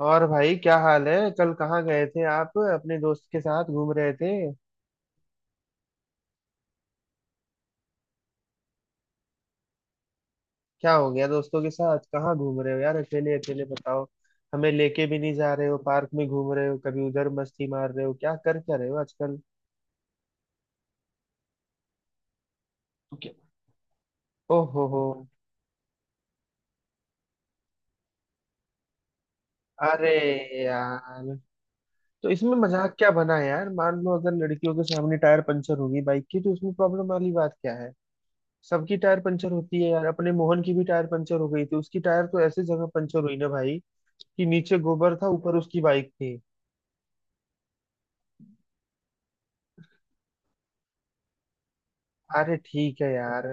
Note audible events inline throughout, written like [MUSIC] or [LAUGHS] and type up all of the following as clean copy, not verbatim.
और भाई क्या हाल है। कल कहाँ गए थे आप? अपने दोस्त के साथ घूम रहे थे? क्या हो गया? दोस्तों के साथ कहाँ घूम रहे हो यार, अकेले अकेले बताओ। हमें लेके भी नहीं जा रहे हो। पार्क में घूम रहे हो, कभी उधर मस्ती मार रहे हो, क्या रहे हो आजकल? तो क्या। ओ हो हो। अरे यार, तो इसमें मजाक क्या बना है यार? मान लो अगर लड़कियों के सामने टायर पंचर होगी बाइक की, तो उसमें प्रॉब्लम वाली बात क्या है? सबकी टायर पंचर होती है यार। अपने मोहन की भी टायर पंचर हो गई थी। उसकी टायर तो ऐसे जगह पंचर हुई ना भाई, कि नीचे गोबर था, ऊपर उसकी बाइक थी। अरे ठीक है यार।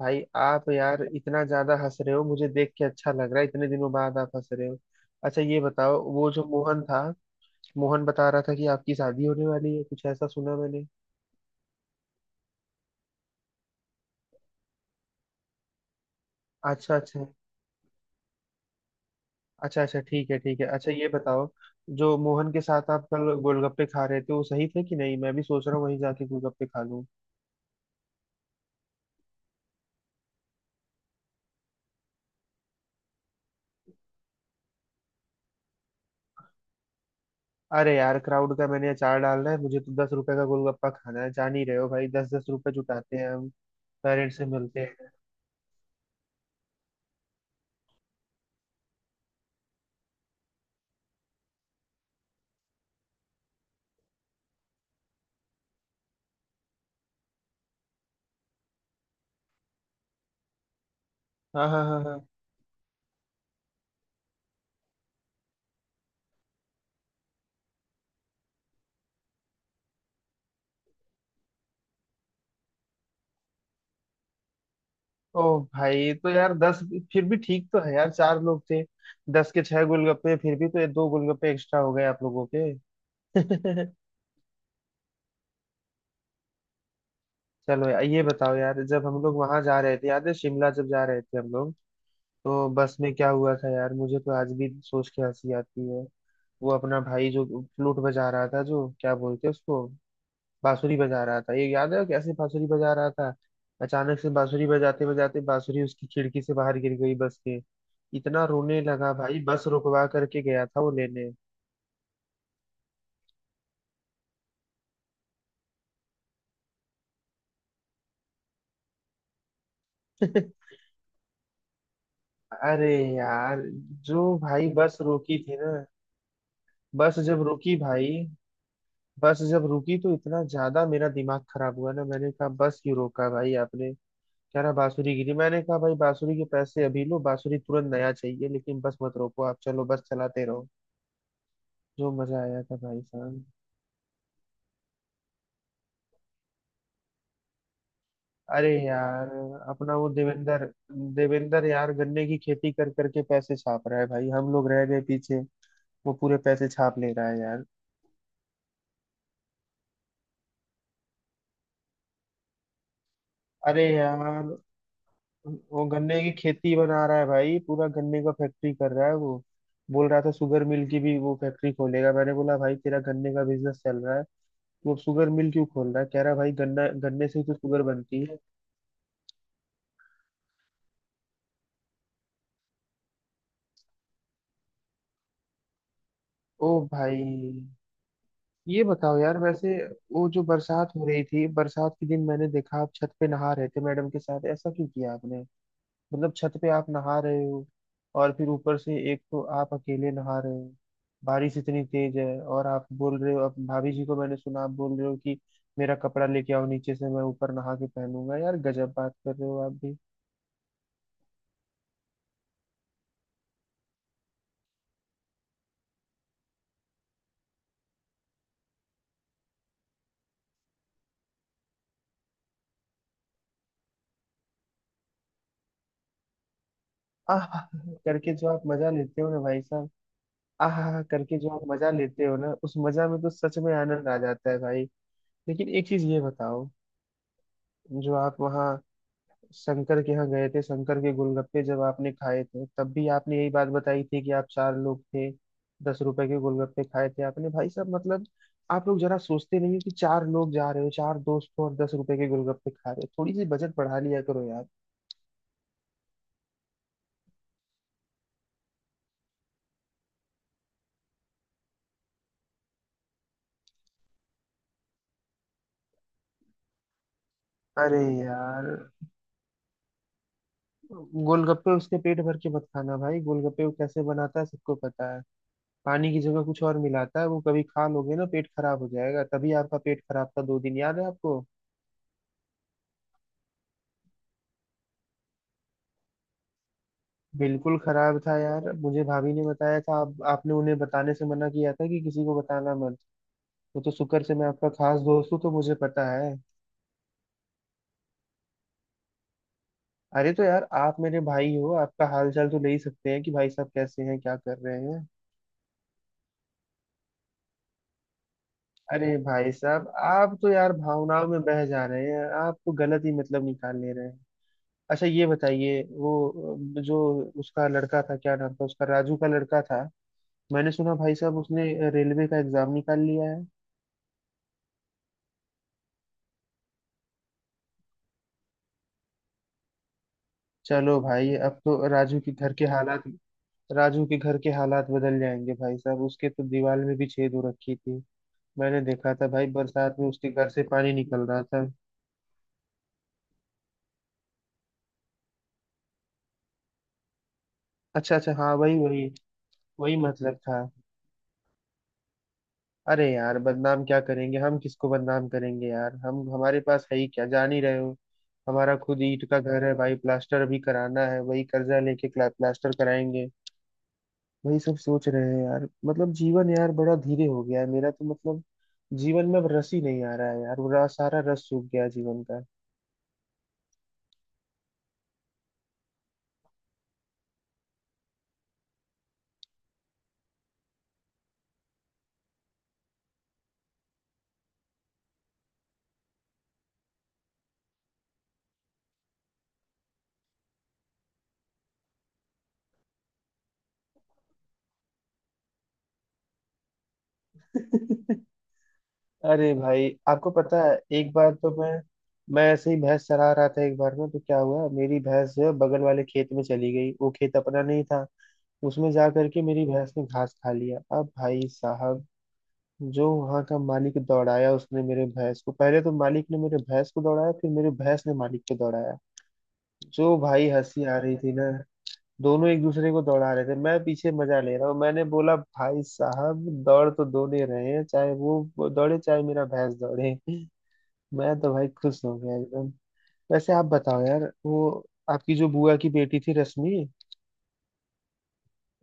भाई आप यार इतना ज्यादा हंस रहे हो, मुझे देख के अच्छा लग रहा है, इतने दिनों बाद आप हंस रहे हो। अच्छा ये बताओ, वो जो मोहन था, मोहन बता रहा था कि आपकी शादी होने वाली है, कुछ ऐसा सुना मैंने। अच्छा अच्छा। अच्छा अच्छा, ठीक है ठीक है। अच्छा ये बताओ, जो मोहन के साथ आप कल गोलगप्पे खा रहे थे वो सही थे कि नहीं? मैं भी सोच रहा हूँ वहीं जाके गोलगप्पे खा लूँ। अरे यार क्राउड का मैंने अचार डालना है, मुझे तो 10 रुपए का गोलगप्पा खाना है। जान ही रहे हो भाई, 10-10 रुपए जुटाते हैं हम, पेरेंट्स से मिलते हैं। हाँ हाँ हाँ हाँ। ओ भाई, तो यार फिर भी ठीक तो है यार, चार लोग थे। 10 के 6 गोलगप्पे, फिर भी तो ये दो गोलगप्पे एक्स्ट्रा हो गए आप लोगों के। [LAUGHS] चलो यार, ये बताओ यार, जब हम लोग वहां जा रहे थे, याद है शिमला जब जा रहे थे हम लोग, तो बस में क्या हुआ था यार, मुझे तो आज भी सोच के हंसी आती है। वो अपना भाई जो फ्लूट बजा रहा था, जो क्या बोलते हैं उसको, बांसुरी बजा रहा था, ये याद है कैसे बांसुरी बजा रहा था। अचानक से बांसुरी बजाते बजाते बांसुरी उसकी खिड़की से बाहर गिर गई बस के। इतना रोने लगा भाई, बस रुकवा करके गया था वो लेने। [LAUGHS] अरे यार, जो भाई बस रोकी थी ना, बस जब रुकी भाई, बस जब रुकी तो इतना ज्यादा मेरा दिमाग खराब हुआ ना, मैंने कहा बस क्यों रोका भाई आपने? कह रहा बांसुरी गिरी। मैंने कहा भाई, बांसुरी के पैसे अभी लो, बांसुरी तुरंत नया चाहिए, लेकिन बस मत रोको आप, चलो बस चलाते रहो। जो मजा आया था भाई साहब। अरे यार, अपना वो देवेंद्र, देवेंद्र यार गन्ने की खेती कर करके पैसे छाप रहा है भाई, हम लोग रह गए पीछे। वो पूरे पैसे छाप ले रहा है यार। अरे यार, वो गन्ने की खेती बना रहा है भाई, पूरा गन्ने का फैक्ट्री कर रहा है वो। बोल रहा था शुगर मिल की भी वो फैक्ट्री खोलेगा। मैंने बोला भाई तेरा गन्ने का बिजनेस चल रहा है, वो शुगर मिल क्यों खोल रहा है? कह रहा है भाई, गन्ना, गन्ने से ही तो शुगर बनती है। ओ भाई, ये बताओ यार वैसे, वो जो बरसात हो रही थी, बरसात के दिन मैंने देखा आप छत पे नहा रहे थे मैडम के साथ। ऐसा क्यों किया आपने? मतलब छत पे आप नहा रहे हो, और फिर ऊपर से एक तो आप अकेले नहा रहे हो, बारिश इतनी तेज है, और आप बोल रहे हो, अब भाभी जी को मैंने सुना आप बोल रहे हो कि मेरा कपड़ा लेके आओ नीचे से, मैं ऊपर नहा के पहनूंगा। यार गजब बात कर रहे हो आप भी। आह करके जो आप मजा लेते हो ना भाई साहब, आह करके जो आप मजा लेते हो ना, उस मजा में तो सच में आनंद आ जाता है भाई। लेकिन एक चीज ये बताओ, जो आप वहाँ शंकर के यहाँ गए थे, शंकर के गोलगप्पे जब आपने खाए थे, तब भी आपने यही बात बताई थी कि आप चार लोग थे, 10 रुपए के गोलगप्पे खाए थे आपने भाई साहब। मतलब आप लोग जरा सोचते नहीं हो कि चार लोग जा रहे हो, चार दोस्त हो, और 10 रुपए के गोलगप्पे खा रहे हो? थोड़ी सी बजट बढ़ा लिया करो यार। अरे यार, गोलगप्पे उसके पेट भर के मत खाना भाई। गोलगप्पे वो कैसे बनाता है सबको पता है, पानी की जगह कुछ और मिलाता है वो। कभी खा लोगे ना पेट खराब हो जाएगा। तभी आपका पेट खराब था 2 दिन, याद है आपको? बिल्कुल खराब था यार, मुझे भाभी ने बताया था, आप आपने उन्हें बताने से मना किया था कि किसी को बताना मत। वो तो शुक्र से मैं आपका खास दोस्त हूँ, तो मुझे पता है। अरे तो यार, आप मेरे भाई हो, आपका हाल चाल तो ले ही सकते हैं कि भाई साहब कैसे हैं, क्या कर रहे हैं। अरे भाई साहब, आप तो यार भावनाओं में बह जा रहे हैं, आप तो गलत ही मतलब निकाल ले रहे हैं। अच्छा ये बताइए वो, जो उसका लड़का था, क्या नाम था उसका, राजू का लड़का था, मैंने सुना भाई साहब उसने रेलवे का एग्जाम निकाल लिया है। चलो भाई, अब तो राजू के घर के हालात, राजू के घर के हालात बदल जाएंगे भाई साहब। उसके तो दीवार में भी छेद हो रखी थी, मैंने देखा था भाई बरसात में उसके घर से पानी निकल रहा था। अच्छा अच्छा, हाँ वही वही। वही मतलब था। अरे यार, बदनाम क्या करेंगे हम? किसको बदनाम करेंगे यार? हम, हमारे पास है ही क्या, जान ही रहे हो। हमारा खुद ईंट का घर है भाई, प्लास्टर अभी कराना है, वही कर्जा लेके प्लास्टर कराएंगे, वही सब सोच रहे हैं यार। मतलब जीवन यार बड़ा धीरे हो गया है मेरा, तो मतलब जीवन में अब रस ही नहीं आ रहा है यार, पूरा सारा रस सूख गया है जीवन का। [LAUGHS] अरे भाई, आपको पता है, एक बार तो मैं ऐसे ही भैंस चरा रहा था एक बार में, तो क्या हुआ, मेरी भैंस जो है बगल वाले खेत में चली गई, वो खेत अपना नहीं था। उसमें जा करके मेरी भैंस ने घास खा लिया। अब भाई साहब, जो वहां का मालिक दौड़ाया उसने मेरे भैंस को, पहले तो मालिक ने मेरे भैंस को दौड़ाया, फिर मेरे भैंस ने मालिक को दौड़ाया। जो भाई हंसी आ रही थी ना, दोनों एक दूसरे को दौड़ा रहे थे, मैं पीछे मजा ले रहा हूँ। मैंने बोला भाई साहब, दौड़ तो दोनों ही रहे हैं, चाहे वो दौड़े चाहे मेरा भैंस दौड़े। मैं तो भाई खुश हो गया एकदम। वैसे आप बताओ यार, वो आपकी जो बुआ की बेटी थी, रश्मि,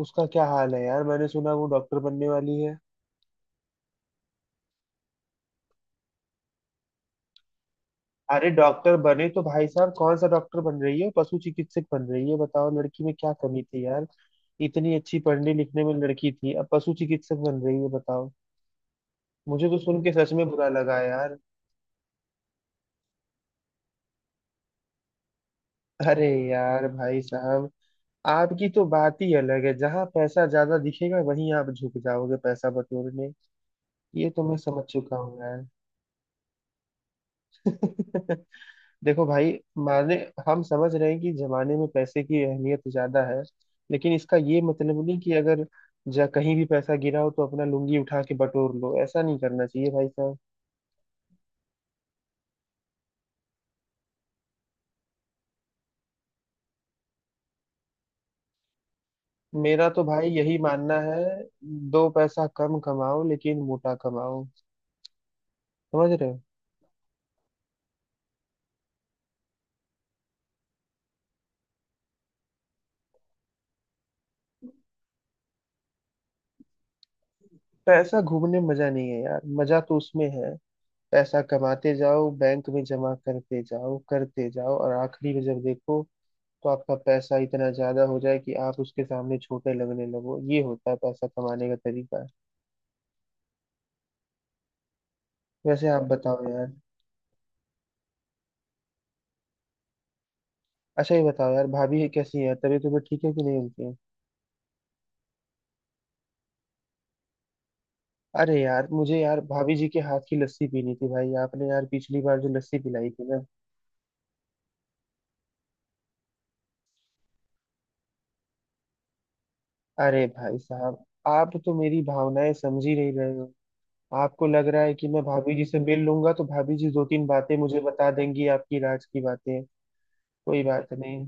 उसका क्या हाल है यार? मैंने सुना वो डॉक्टर बनने वाली है। अरे डॉक्टर बने तो भाई साहब, कौन सा डॉक्टर बन रही है? पशु चिकित्सक बन रही है, बताओ। लड़की में क्या कमी थी यार, इतनी अच्छी पढ़ने लिखने में लड़की थी, अब पशु चिकित्सक बन रही है, बताओ। मुझे तो सुन के सच में बुरा लगा यार। अरे यार भाई साहब, आपकी तो बात ही अलग है, जहां पैसा ज्यादा दिखेगा वहीं आप झुक जाओगे पैसा बटोरने। ये तो मैं समझ चुका हूँ यार। [LAUGHS] देखो भाई, माने हम समझ रहे हैं कि जमाने में पैसे की अहमियत ज्यादा है, लेकिन इसका ये मतलब नहीं कि अगर जा कहीं भी पैसा गिरा हो तो अपना लुंगी उठा के बटोर लो। ऐसा नहीं करना चाहिए भाई साहब। मेरा तो भाई यही मानना है, दो पैसा कम कमाओ लेकिन मोटा कमाओ, समझ रहे हो? पैसा घूमने में मजा नहीं है यार, मजा तो उसमें है, पैसा कमाते जाओ, बैंक में जमा करते जाओ, करते जाओ, और आखिरी में जब देखो, तो आपका पैसा इतना ज्यादा हो जाए कि आप उसके सामने छोटे लगने लगो। ये होता है पैसा कमाने का तरीका। वैसे आप बताओ यार, अच्छा ये बताओ यार, भाभी है कैसी है? तबीयत उबीयत ठीक है कि नहीं उनकी? अरे यार, मुझे यार भाभी जी के हाथ की लस्सी पीनी थी भाई। आपने यार पिछली बार जो लस्सी पिलाई थी ना। अरे भाई साहब, आप तो मेरी भावनाएं समझ ही नहीं रहे हो। आपको लग रहा है कि मैं भाभी जी से मिल लूंगा तो भाभी जी दो तीन बातें मुझे बता देंगी आपकी राज की बातें। कोई बात नहीं।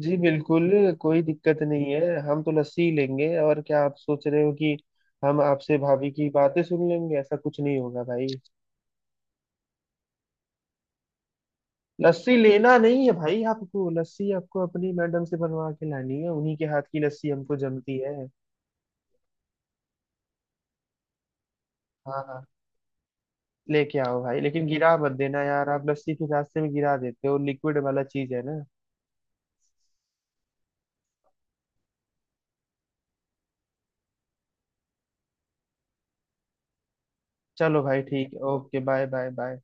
जी बिल्कुल। कोई दिक्कत नहीं है, हम तो लस्सी ही लेंगे, और क्या आप सोच रहे हो कि हम आपसे भाभी की बातें सुन लेंगे? ऐसा कुछ नहीं होगा भाई। लस्सी लेना नहीं है भाई आपको लस्सी, आपको अपनी मैडम से बनवा के लानी है, उन्हीं के हाथ की लस्सी हमको जमती है। हाँ हाँ। लेके आओ भाई, लेकिन गिरा मत देना यार, आप लस्सी के रास्ते में गिरा देते हो, लिक्विड वाला चीज है ना। चलो भाई ठीक है, ओके, बाय बाय बाय।